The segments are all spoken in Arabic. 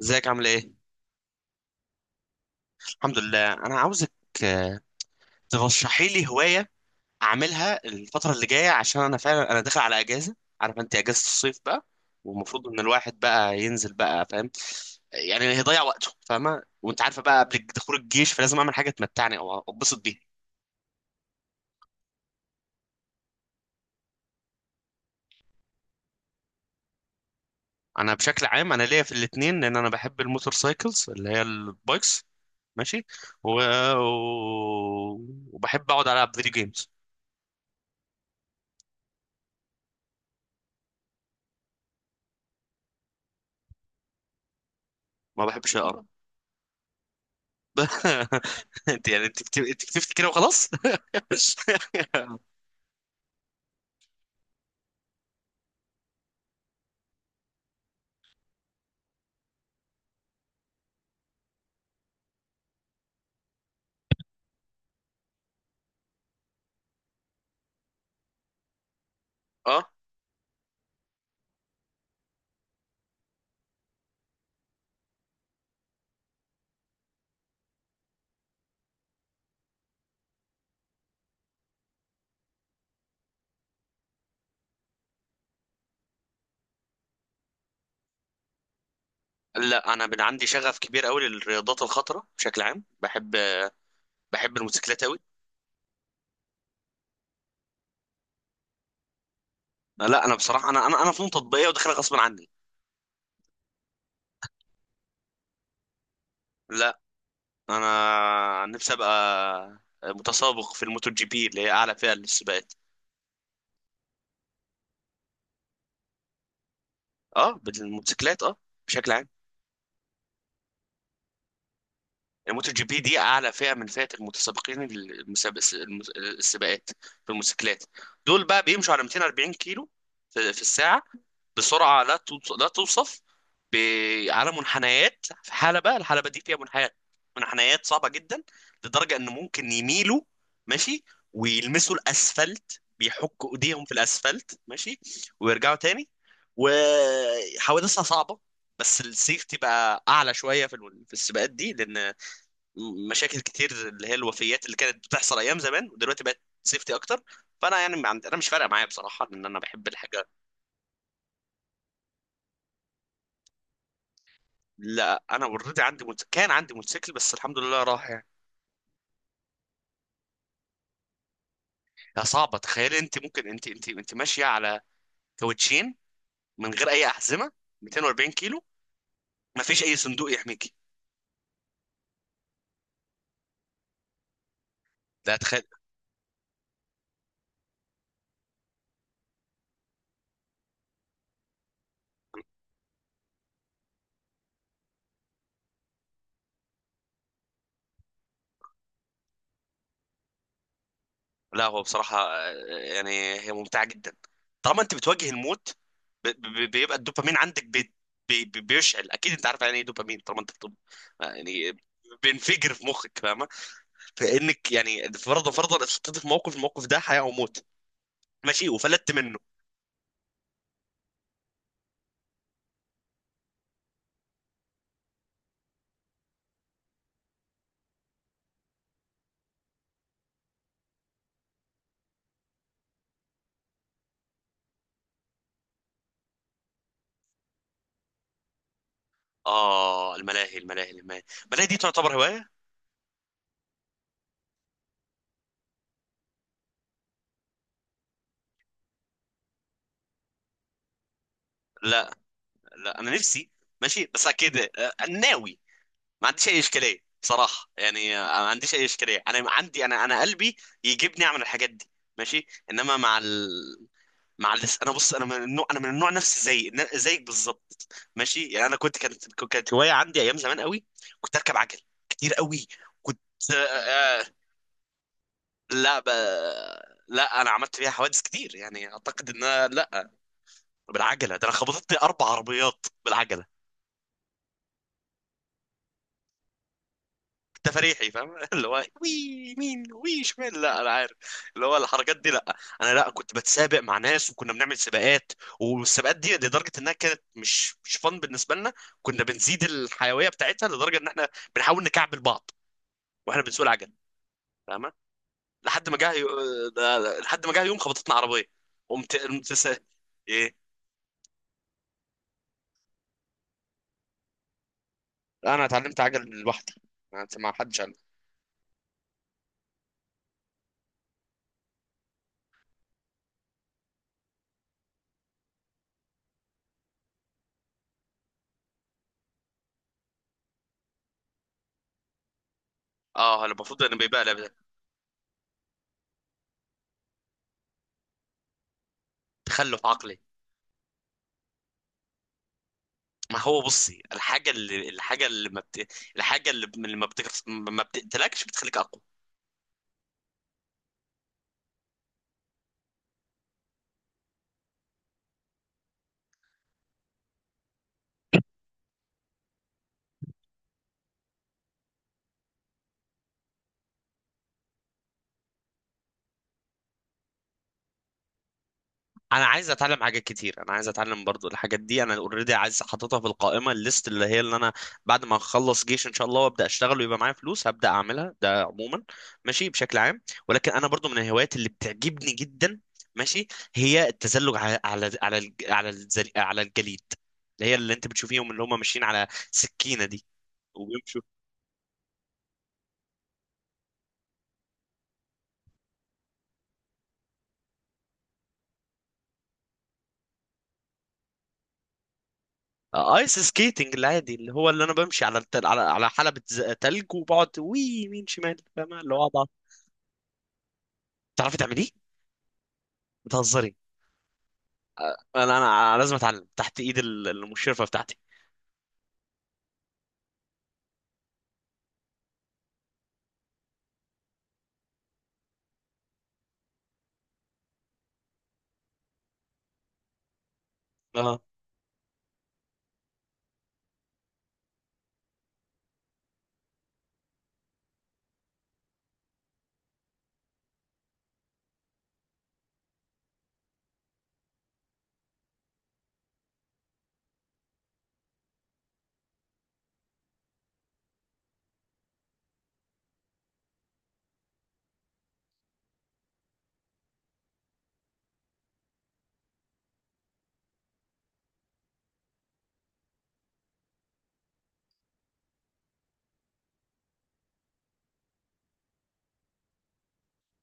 ازيك عامل ايه؟ الحمد لله، انا عاوزك. آه، ترشحي لي هواية اعملها الفترة اللي جاية، عشان انا فعلا داخل على اجازة. عارف انت، اجازة الصيف بقى، والمفروض ان الواحد بقى ينزل بقى، فاهم، يعني هيضيع وقته، فاهمة؟ وانت عارفة بقى، قبل دخول الجيش فلازم اعمل حاجة تمتعني او اتبسط بيها. انا بشكل عام انا ليا في الاتنين، لان انا بحب الموتور سايكلز اللي هي البايكس. ماشي. و... وبحب اقعد العب فيديو جيمز. ما بحبش اقرا. انت يعني انت كتبت كده وخلاص. اه. لا، انا من عندي شغف كبير قوي للرياضات الخطره، بشكل عام بحب الموتوسيكلات قوي. لا، انا بصراحه انا فنون تطبيقيه، وداخلها غصب عني. لا، انا نفسي ابقى متسابق في الموتو جي بي، اللي هي اعلى فئه للسباقات. اه، بالموتوسيكلات، اه، بشكل عام. الموتو جي بي دي اعلى فئه من فئه المتسابقين، المسابق، السباقات في الموتوسيكلات. دول بقى بيمشوا على 240 كيلو في الساعه. بسرعه لا توصف، على منحنيات في حلبه. الحلبه دي فيها منحنيات، منحنيات صعبه جدا، لدرجه ان ممكن يميلوا. ماشي. ويلمسوا الاسفلت، بيحكوا ايديهم في الاسفلت. ماشي. ويرجعوا تاني. وحوادثها صعبه. بس السيفتي بقى اعلى شويه في السباقات دي، لان مشاكل كتير، اللي هي الوفيات اللي كانت بتحصل ايام زمان، ودلوقتي بقت سيفتي اكتر. فانا يعني ما عندي- انا مش فارقه معايا بصراحه، لان انا بحب الحاجه. لا، انا اوريدي كان عندي موتوسيكل، بس الحمد لله راح يعني. يا صعبه، تخيل انت ممكن انت ماشيه على كاوتشين، من غير اي احزمه، 240 كيلو، ما فيش اي صندوق يحميكي. لا، تخيل. لا، هو بصراحه يعني هي ممتعه جدا، طالما انت بتواجه الموت. بيبقى الدوبامين عندك، بيشعل، اكيد انت عارف يعني ايه دوبامين، طالما انت يعني بينفجر في مخك، فاهمه؟ فانك يعني، فرضا فرضا، اتحطيت في موقف، الموقف ده حياه او موت، ماشي، وفلتت منه. آه، الملاهي الملاهي دي تعتبر هواية؟ لا، لا، أنا نفسي، ماشي، بس أكيد، ناوي. ما عنديش أي إشكالية بصراحة، يعني ما عنديش أي إشكالية. أنا عندي أنا قلبي يجيبني أعمل الحاجات دي. ماشي، إنما أنا بص، أنا من النوع، نفسي زي زيك بالظبط. ماشي يعني، أنا كنت كانت كانت هواية عندي أيام زمان قوي. كنت أركب عجل كتير قوي. كنت آه، آه، لا ب... لا، أنا عملت فيها حوادث كتير، يعني أعتقد لا. بالعجله، ده انا خبطتني اربع عربيات بالعجله. تفريحي فاهم، اللي هو وي يمين وي شمال، لا انا عارف، اللي هو الحركات دي، لا. انا، لا، كنت بتسابق مع ناس، وكنا بنعمل سباقات. والسباقات دي لدرجه انها كانت مش فن بالنسبه لنا. كنا بنزيد الحيويه بتاعتها لدرجه ان احنا بنحاول نكعبل بعض، واحنا بنسوق العجل، فاهمه؟ لحد ما جه، لحد ما جه يوم خبطتنا عربيه. قمت قمت سا- ايه؟ انا اتعلمت عجل لوحدي، ما حدش علم. اه، المفروض ان بيبقى تخلف عقلي. ما هو بصي، الحاجة اللي الحاجة اللي ما بت... الحاجة اللي ب- اللي ما, بتك... ما بتقتلكش بتخليك أقوى. أنا عايز أتعلم حاجات كتير، أنا عايز أتعلم برضو الحاجات دي. أنا أوريدي عايز أحطها في القائمة الليست، اللي هي اللي أنا بعد ما أخلص جيش إن شاء الله، وأبدأ أشتغل ويبقى معايا فلوس، هبدأ أعملها، ده عموما. ماشي، بشكل عام. ولكن أنا برضو من الهوايات اللي بتعجبني جدا، ماشي، هي التزلج على الجليد. اللي هي اللي أنت بتشوفيهم، اللي هم ماشيين على سكينة دي. ايس سكيتنج العادي، اللي هو اللي انا بمشي على التل... على على حلبة تلج، وبقعد وي يمين شمال، فاهمة؟ اللي هو اقعد تعرفي تعمليه؟ بتهزري؟ انا لازم اتعلم تحت ايد المشرفة بتاعتي. اه،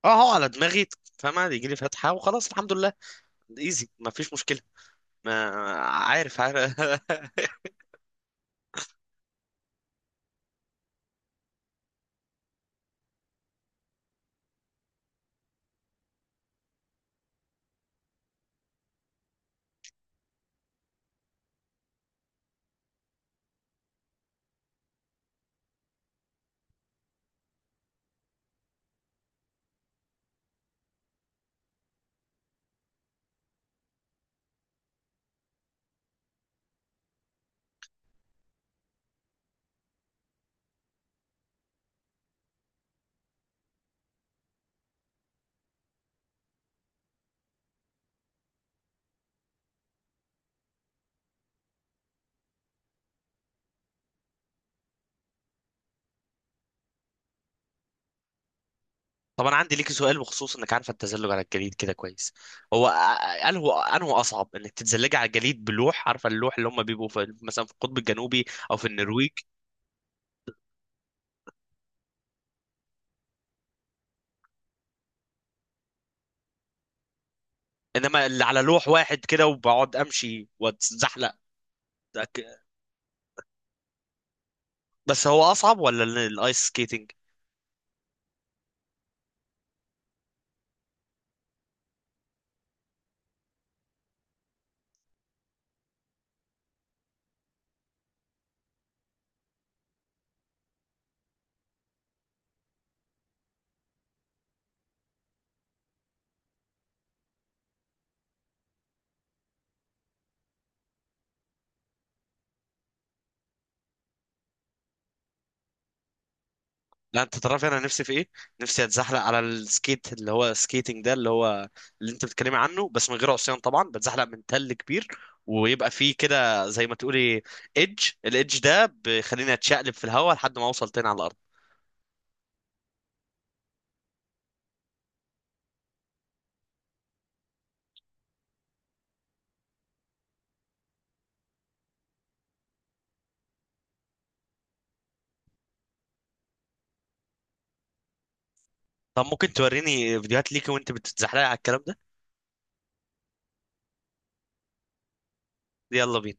اه، هو على دماغي، فاهمة؟ يجي لي فتحة وخلاص، الحمد لله. ايزي، ما فيش مشكلة. ما، عارف، عارف. طب انا عندي ليكي سؤال، بخصوص انك عارفة التزلج على الجليد كده كويس. هو قال هو انه اصعب انك تتزلجي على الجليد بلوح، عارفة اللوح اللي هم بيبقوا في، مثلا، في القطب الجنوبي او في النرويج، انما اللي على لوح واحد كده وبقعد امشي واتزحلق. ده ك- بس هو اصعب ولا الايس سكيتنج؟ لا، انت تعرف انا نفسي في ايه؟ نفسي اتزحلق على السكيت، اللي هو سكيتنج، ده اللي هو اللي انت بتتكلمي عنه، بس من غير عصيان طبعا، بتزحلق من تل كبير، ويبقى فيه كده زي ما تقولي ايدج. الايدج ده بيخليني اتشقلب في الهواء لحد ما اوصل تاني على الارض. طب ممكن توريني فيديوهات ليكي وانت بتتزحلقي على الكلام ده؟ يلا بينا.